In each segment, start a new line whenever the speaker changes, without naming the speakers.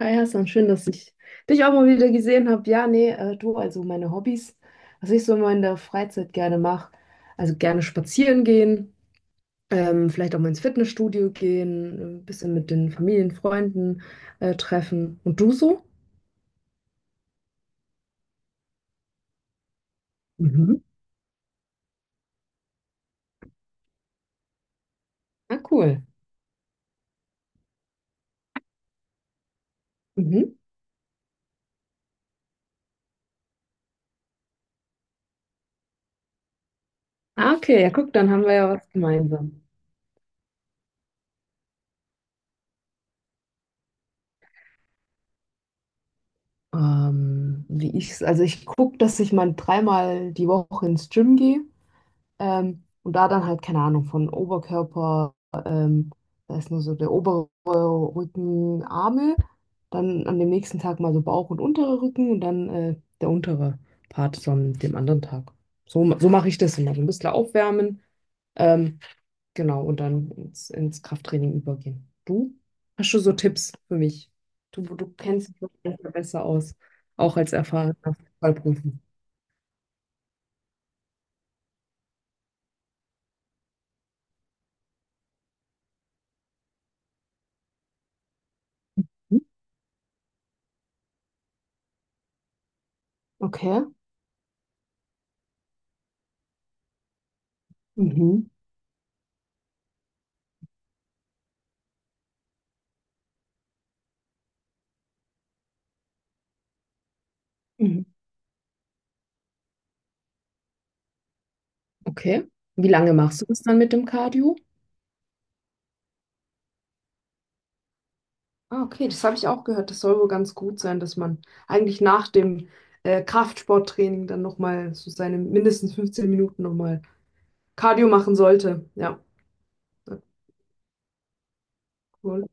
Hi Hassan, schön, dass ich dich auch mal wieder gesehen habe. Ja, nee, du, also meine Hobbys, was ich so immer in der Freizeit gerne mache, also gerne spazieren gehen, vielleicht auch mal ins Fitnessstudio gehen, ein bisschen mit den Familien, Freunden treffen. Und du so? Mhm. Ah, cool. Mhm. Ah, okay, ja, guck, dann haben wir ja was gemeinsam. Wie ich, also ich gucke, dass ich mal dreimal die Woche ins Gym gehe. Und da dann halt, keine Ahnung, von Oberkörper, ähm, da ist nur so der obere Rücken, Arme, dann an dem nächsten Tag mal so Bauch und unterer Rücken und dann der untere Part so an dem anderen Tag. So, so mache ich das immer. So ein bisschen aufwärmen, ähm, genau, und dann ins Krafttraining übergehen. Du? Hast du so Tipps für mich? Du kennst dich doch besser aus, auch als erfahrener Fußballprofi. Hm? Okay. Mhm. Mhm. Okay. Wie lange machst du das dann mit dem Cardio? Ah, okay, das habe ich auch gehört. Das soll wohl ganz gut sein, dass man eigentlich nach dem Kraftsporttraining dann nochmal so seine mindestens 15 Minuten nochmal Cardio machen sollte. Ja, cool.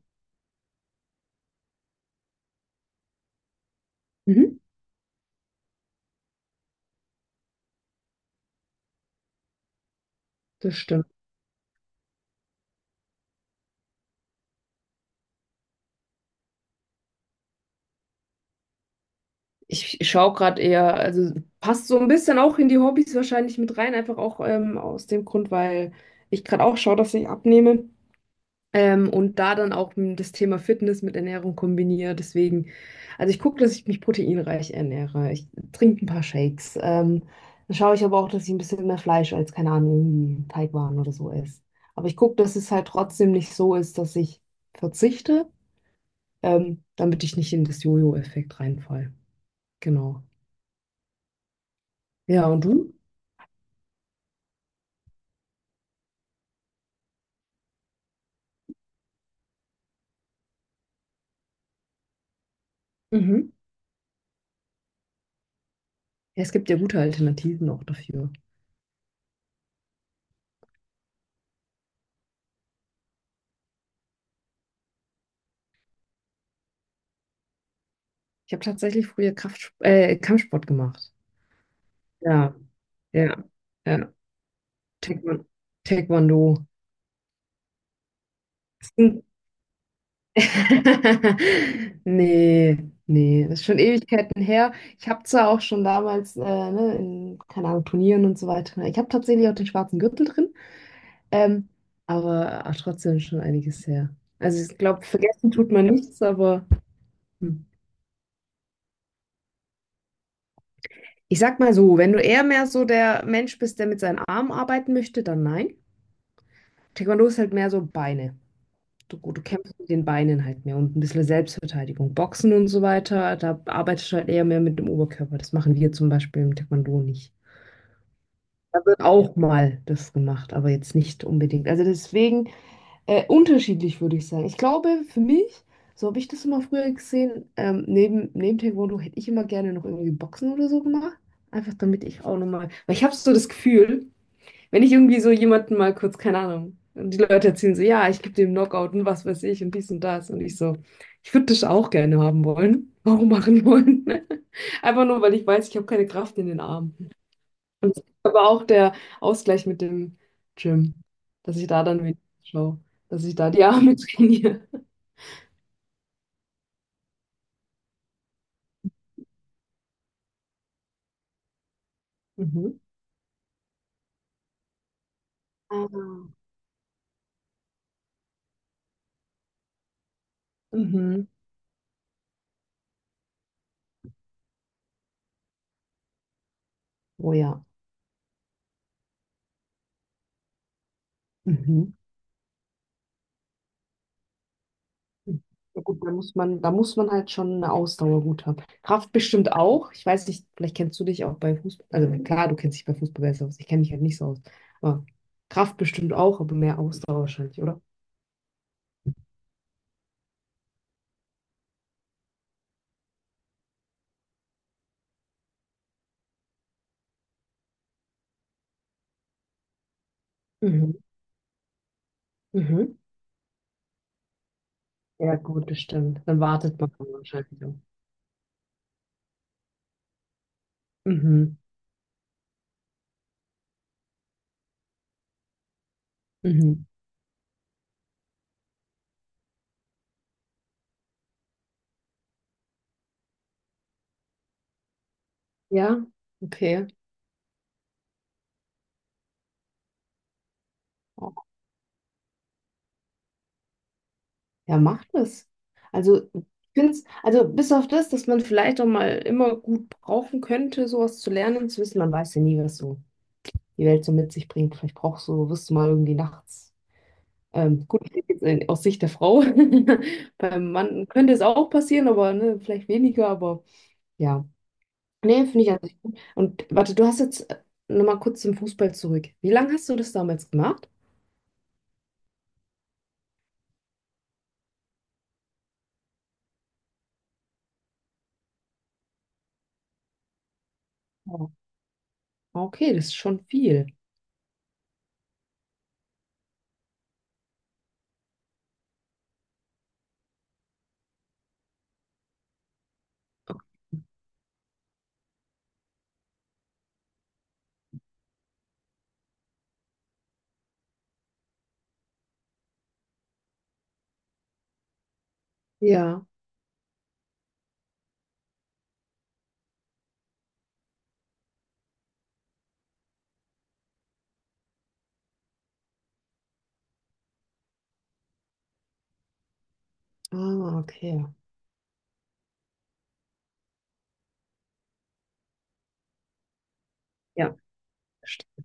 Mhm. Das stimmt. Ich schaue gerade eher, also passt so ein bisschen auch in die Hobbys wahrscheinlich mit rein, einfach auch aus dem Grund, weil ich gerade auch schaue, dass ich abnehme. Und da dann auch das Thema Fitness mit Ernährung kombiniere. Deswegen, also ich gucke, dass ich mich proteinreich ernähre. Ich trinke ein paar Shakes. Dann schaue ich aber auch, dass ich ein bisschen mehr Fleisch als, keine Ahnung, irgendwie Teigwaren oder so esse. Aber ich gucke, dass es halt trotzdem nicht so ist, dass ich verzichte, damit ich nicht in das Jojo-Effekt reinfall. Genau. Ja, und du? Mhm. Ja, es gibt ja gute Alternativen auch dafür. Ich habe tatsächlich früher Kampfsport gemacht. Ja, ja, ja. Taekwon- Taekwondo. Nee, nee, das ist schon Ewigkeiten her. Ich habe zwar auch schon damals, ne, in, keine Ahnung, Turnieren und so weiter. Ich habe tatsächlich auch den schwarzen Gürtel drin, ähm, aber auch trotzdem schon einiges her. Also ich glaube, vergessen tut man nichts, aber hm. Ich sag mal so, wenn du eher mehr so der Mensch bist, der mit seinen Armen arbeiten möchte, dann nein. Taekwondo ist halt mehr so Beine. Du, gut, du kämpfst mit den Beinen halt mehr und ein bisschen Selbstverteidigung. Boxen und so weiter, da arbeitest du halt eher mehr mit dem Oberkörper. Das machen wir zum Beispiel im Taekwondo nicht. Da wird auch mal das gemacht, aber jetzt nicht unbedingt. Also deswegen unterschiedlich würde ich sagen. Ich glaube, für mich, so habe ich das immer früher gesehen, neben Taekwondo hätte ich immer gerne noch irgendwie Boxen oder so gemacht. Einfach damit ich auch nochmal, weil ich habe so das Gefühl, wenn ich irgendwie so jemanden mal kurz, keine Ahnung, und die Leute erzählen so, ja, ich gebe dem Knockout und was weiß ich und dies und das. Und ich so, ich würde das auch gerne haben wollen. Auch machen wollen. Einfach nur, weil ich weiß, ich habe keine Kraft in den Armen. Und das ist aber auch der Ausgleich mit dem Gym, dass ich da dann wenigstens schaue, dass ich da die Arme trainiere. Mhm. Ah. Mhm. Oh ja. Mhm. Ja gut, da muss man halt schon eine Ausdauer gut haben. Kraft bestimmt auch. Ich weiß nicht, vielleicht kennst du dich auch bei Fußball. Also klar, du kennst dich bei Fußball besser aus. Ich kenne mich halt nicht so aus. Aber Kraft bestimmt auch, aber mehr Ausdauer wahrscheinlich, oder? Mhm. Mhm. Ja gut, das stimmt. Dann wartet man dann wahrscheinlich auch. Mhm. Mhm. Ja, okay. Ja, macht es. Also, ich find's, also bis auf das, dass man vielleicht auch mal immer gut brauchen könnte, sowas zu lernen, zu wissen, man weiß ja nie, was so die Welt so mit sich bringt. Vielleicht brauchst du, wirst du mal irgendwie nachts. Gut, vielleicht jetzt aus Sicht der Frau. Beim Mann könnte es auch passieren, aber ne, vielleicht weniger, aber ja. Nee, finde ich an sich gut. Und warte, du hast jetzt nochmal kurz zum Fußball zurück. Wie lange hast du das damals gemacht? Oh, okay, das ist schon viel. Ja. Ah, okay. Ja. Verstehe.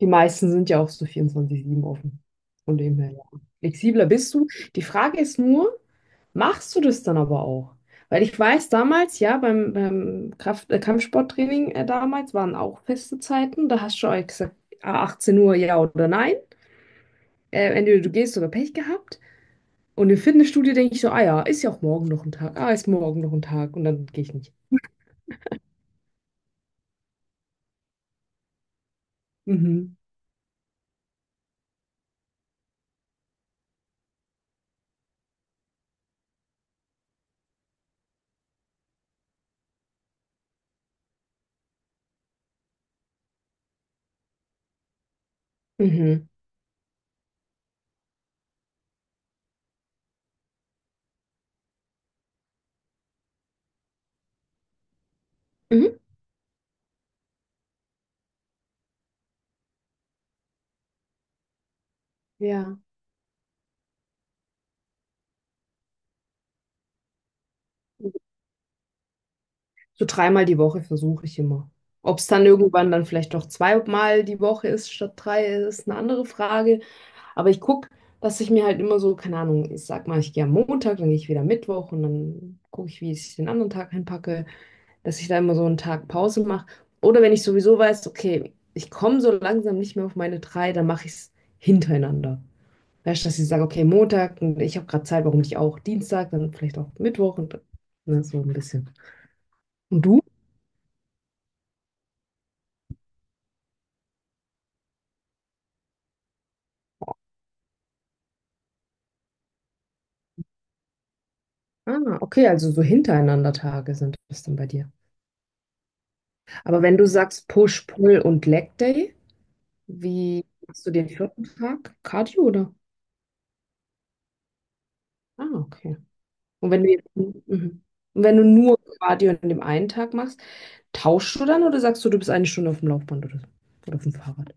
Die meisten sind ja auch so 24/7 offen. Von dem her, ja. Flexibler bist du. Die Frage ist nur: Machst du das dann aber auch? Weil ich weiß damals, ja, beim Kampfsporttraining damals waren auch feste Zeiten. Da hast du auch gesagt, ah, 18 Uhr ja oder nein. Entweder du gehst oder Pech gehabt. Und im Fitnessstudio denke ich so, ah ja, ist ja auch morgen noch ein Tag. Ah, ist morgen noch ein Tag. Und dann gehe ich nicht. Mhm. Mhm. Mhm. Ja. So dreimal die Woche versuche ich immer. Ob es dann irgendwann dann vielleicht doch zweimal die Woche ist statt drei, ist eine andere Frage. Aber ich gucke, dass ich mir halt immer so, keine Ahnung, ich sag mal, ich gehe am Montag, dann gehe ich wieder Mittwoch und dann gucke ich, wie ich den anderen Tag hinpacke, dass ich da immer so einen Tag Pause mache. Oder wenn ich sowieso weiß, okay, ich komme so langsam nicht mehr auf meine drei, dann mache ich es hintereinander. Weißt du, dass ich sage, okay, Montag und ich habe gerade Zeit, warum nicht auch Dienstag, dann vielleicht auch Mittwoch und ne, so ein bisschen. Und du? Ah, okay, also so hintereinander Tage sind das dann bei dir. Aber wenn du sagst Push, Pull und Leg Day. Wie machst du den vierten Tag? Cardio oder? Ah, okay. Und wenn du jetzt, mhm. Und wenn du nur Cardio an dem einen Tag machst, tauschst du dann oder sagst du, du bist 1 Stunde auf dem Laufband oder so? Oder auf dem Fahrrad?